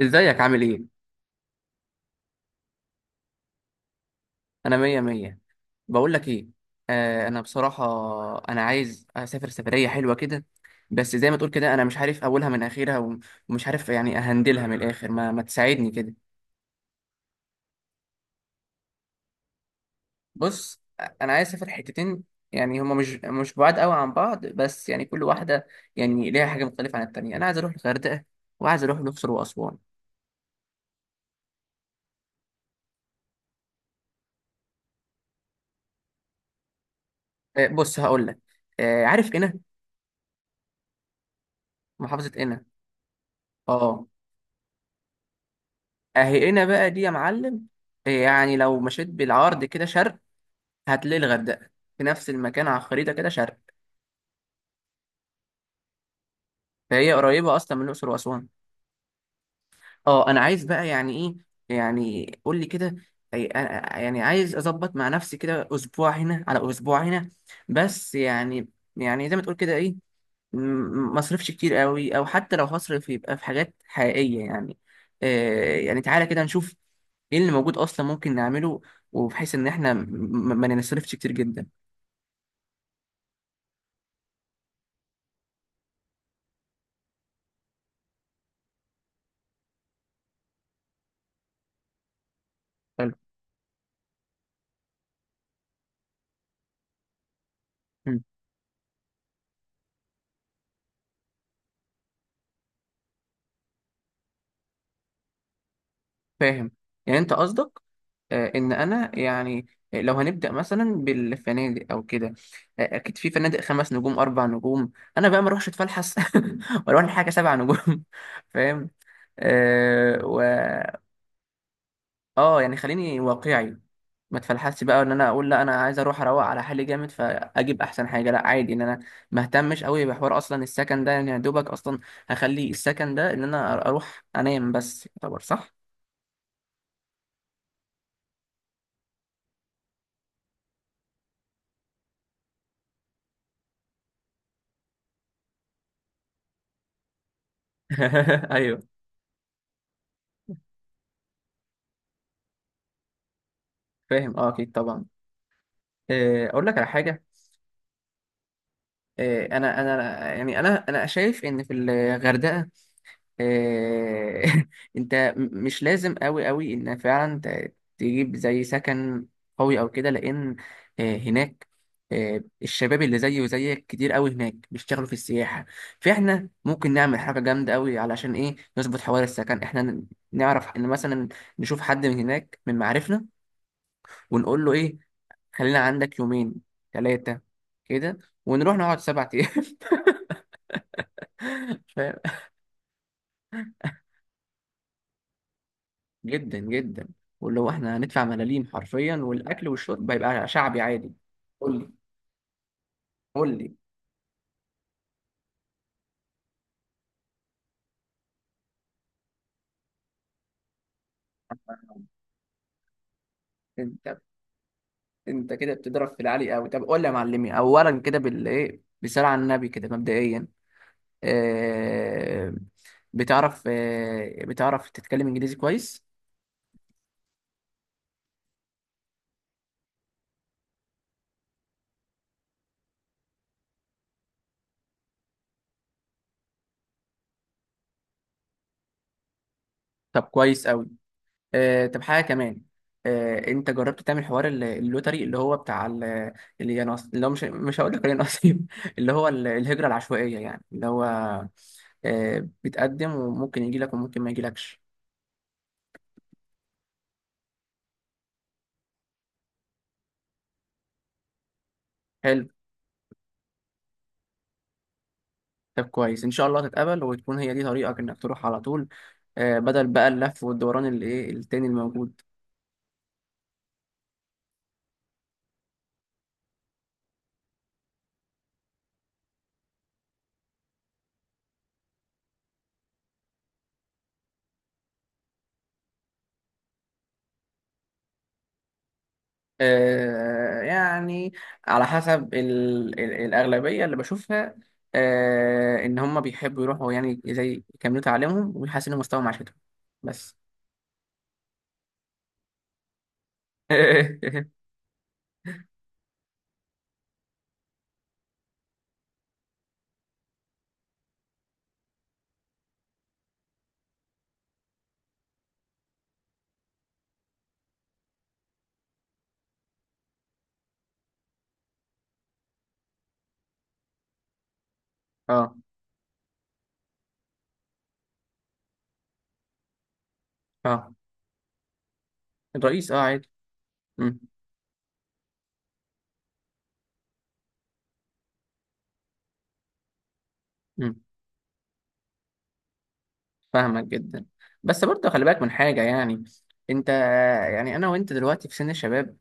ازيك عامل ايه؟ انا مية مية. بقول لك ايه. انا بصراحة، انا عايز اسافر سفرية حلوة كده. بس زي ما تقول كده، انا مش عارف اولها من اخرها ومش عارف، يعني اهندلها من الاخر، ما تساعدني كده. بص. انا عايز اسافر حتتين، يعني هما مش بعاد قوي عن بعض، بس يعني كل واحدة يعني ليها حاجة مختلفة عن التانية. انا عايز اروح الغردقة، وعايز اروح الاقصر واسوان. بص، هقول لك. عارف قنا؟ محافظة قنا. اه. اهي هنا بقى دي يا معلم. إيه، يعني لو مشيت بالعرض كده شرق، هتلاقي الغردقه في نفس المكان على الخريطه، كده شرق. فهي قريبه اصلا من الاقصر واسوان. اه، انا عايز بقى يعني ايه، يعني قول لي كده. يعني عايز اظبط مع نفسي كده اسبوع هنا على اسبوع هنا، بس يعني، يعني زي ما تقول كده م- ما اصرفش كتير قوي، او حتى لو هصرف يبقى في حاجات حقيقية يعني. يعني تعالى كده نشوف ايه اللي موجود اصلا ممكن نعمله، وبحيث ان احنا ما نصرفش كتير جدا. حلو. مم. فاهم. يعني انت قصدك، ان انا يعني لو هنبدا مثلا بالفنادق او كده، اكيد في فنادق 5 نجوم، 4 نجوم. انا بقى ما اروحش اتفلحس واروح لحاجه 7 نجوم فاهم. أه. اه، يعني خليني واقعي. ما تفلحش بقى ان انا اقول لا، انا عايز اروح اروق على حالي جامد فاجيب احسن حاجه. لا عادي، ان انا ما اهتمش قوي بحوار اصلا السكن ده، يعني يا دوبك اصلا هخلي السكن ده ان انا اروح انام بس يعتبر صح. ايوه. فاهم، اه، اكيد طبعا. اقول لك على حاجه. انا يعني انا شايف ان في الغردقه، آه، انت مش لازم قوي قوي ان فعلا تجيب زي سكن قوي او كده، لان هناك، الشباب اللي زيي وزيك كتير قوي هناك بيشتغلوا في السياحة. فاحنا ممكن نعمل حاجة جامدة قوي علشان ايه، نظبط حوار السكن. احنا نعرف ان مثلا نشوف حد من هناك من معارفنا، ونقول له ايه، خلينا عندك يومين، ثلاثة، كده، ونروح نقعد 7 ايام. جدا جدا، واللي هو احنا هندفع ملاليم حرفيا، والاكل والشرب هيبقى شعبي عادي. قول لي، قول لي. انت، انت كده بتضرب في العالي قوي. طب قول لي يا معلمي، اولا كده بال ايه، بالصلاه على النبي كده مبدئيا، آه بتعرف تتكلم انجليزي كويس؟ طب كويس قوي. طب حاجة كمان، انت جربت تعمل حوار اللوتري، اللي هو بتاع اللي هو مش هقول لك نصيب اللي هو الهجرة العشوائية، يعني اللي هو بتقدم وممكن يجي لك وممكن ما يجيلكش. حلو. طب كويس، ان شاء الله تتقبل وتكون هي دي طريقك انك تروح على طول، بدل بقى اللف والدوران اللي ايه التاني الموجود. يعني على حسب الأغلبية اللي بشوفها، إن هم بيحبوا يروحوا يعني زي يكملوا تعليمهم ويحسنوا مستوى معيشتهم. بس اه، اه. الرئيس، اه، عادي. مم، مم، فاهمك جدا. بس برضه خلي بالك من حاجة يعني. انت، يعني انا وانت دلوقتي في سن الشباب،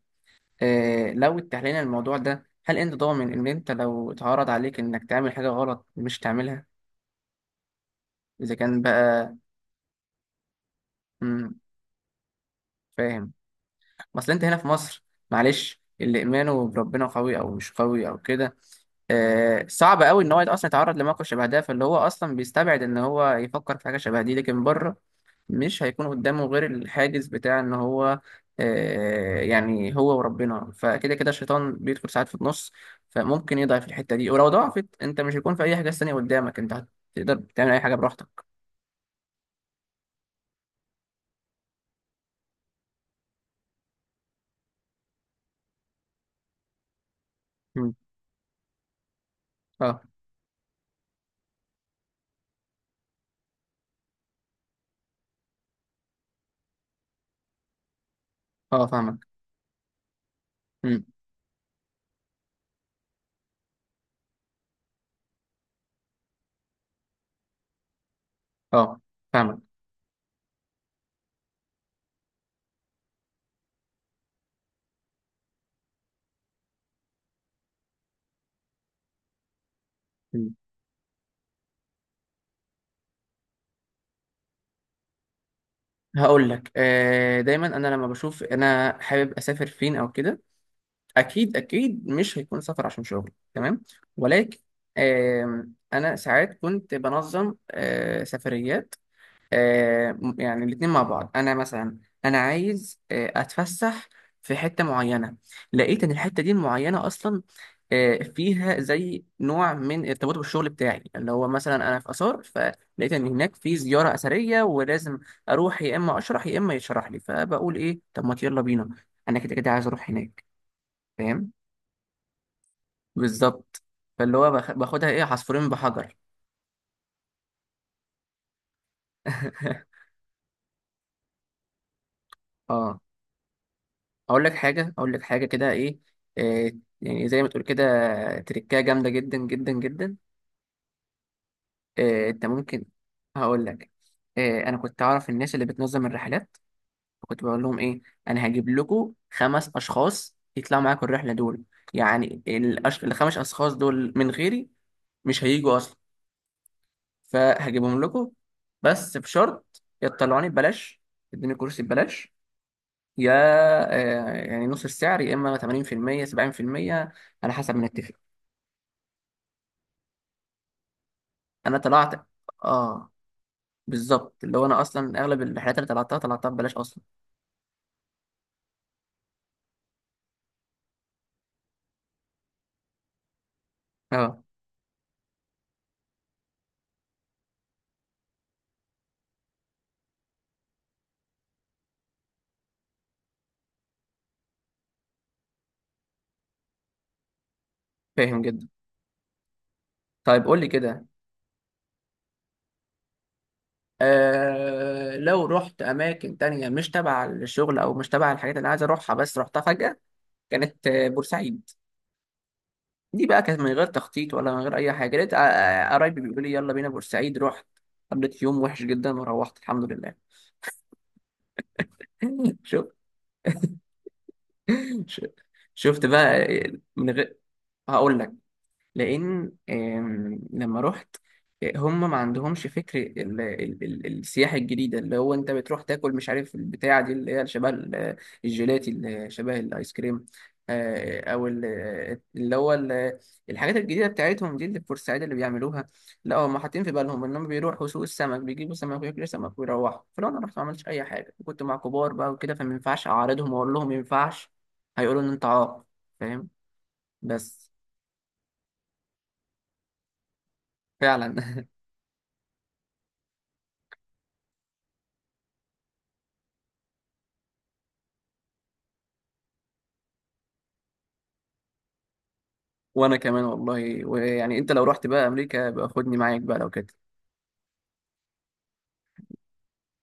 لو اتحلينا الموضوع ده، هل انت ضامن ان انت لو اتعرض عليك انك تعمل حاجة غلط، مش تعملها؟ اذا كان بقى، مم، فاهم. اصل انت هنا في مصر، معلش، اللي ايمانه بربنا قوي او مش قوي او كده، صعب قوي ان هو اصلا يتعرض لموقف شبه ده، فاللي هو اصلا بيستبعد ان هو يفكر في حاجه شبه دي. لكن بره، مش هيكون قدامه غير الحاجز بتاع ان هو، يعني هو وربنا، فكده كده الشيطان بيدخل ساعات في النص، فممكن يضعف الحته دي، ولو ضعفت انت، مش هيكون في اي حاجه تانية قدامك، انت هتقدر تعمل اي حاجه براحتك. مم. اه، اه، فاهمك. مم. اه، فاهمك. هقول لك، دايما انا لما بشوف انا حابب اسافر فين او كده، اكيد اكيد مش هيكون سفر عشان شغل تمام، ولكن انا ساعات كنت بنظم سفريات، يعني الاتنين مع بعض. انا مثلا انا عايز اتفسح في حتة معينة، لقيت ان الحتة دي المعينة اصلا فيها زي نوع من ارتباط بالشغل بتاعي، اللي هو مثلا انا في اثار، فلقيت ان هناك في زيارة اثرية ولازم اروح، يا اما اشرح يا اما يشرح لي، فبقول ايه طب ما يلا بينا، انا كده كده عايز اروح هناك. فاهم؟ بالظبط. فاللي هو باخدها ايه، عصفورين بحجر. اه. اقول لك حاجه كده ايه، آه يعني زي ما تقول كده، تركايه جامده جدا جدا جدا. انت ممكن، هقول لك، انا كنت اعرف الناس اللي بتنظم الرحلات، كنت بقول لهم ايه، انا هجيب لكم 5 اشخاص يطلعوا معاكم الرحله دول، يعني الخمس اشخاص دول من غيري مش هيجوا اصلا، فهجيبهم لكم، بس بشرط يطلعوني ببلاش، يدوني كرسي ببلاش، يا يعني نص السعر، يا اما 80% 70%، على حسب ما نتفق. انا طلعت. اه. بالظبط، اللي هو انا اصلا اغلب الرحلات اللي طلعتها طلعتها ببلاش اصلا. اه، فاهم جدا. طيب قول لي كده، لو رحت اماكن تانية مش تبع الشغل او مش تبع الحاجات اللي أنا عايز اروحها، بس رحتها فجأة، كانت بورسعيد. دي بقى كانت من غير تخطيط ولا من غير اي حاجه، لقيت قرايبي بيقولوا لي يلا بينا بورسعيد، رحت. قضيت يوم وحش جدا وروحت الحمد لله. شوف، ش- شفت بقى، من غير، هقول لك، لان لما رحت، هم ما عندهمش فكر السياحه الجديده، اللي هو انت بتروح تاكل، مش عارف البتاعه دي اللي هي شبه الجيلاتي اللي شبه الايس كريم، او اللي هو ال- الحاجات الجديده بتاعتهم دي اللي البورسعيد اللي بيعملوها. لا، هم حاطين في بالهم انهم بيروحوا سوق السمك، بيجيبوا سمك وياكلوا سمك ويروحوا. فلو انا رحت ما عملتش اي حاجه، كنت مع كبار بقى وكده، فما ينفعش اعارضهم واقول لهم ما ينفعش، هيقولوا ان انت عاق. فاهم، بس فعلا. وانا كمان والله، ويعني انت لو رحت بقى امريكا يبقى خدني معاك بقى لو كده.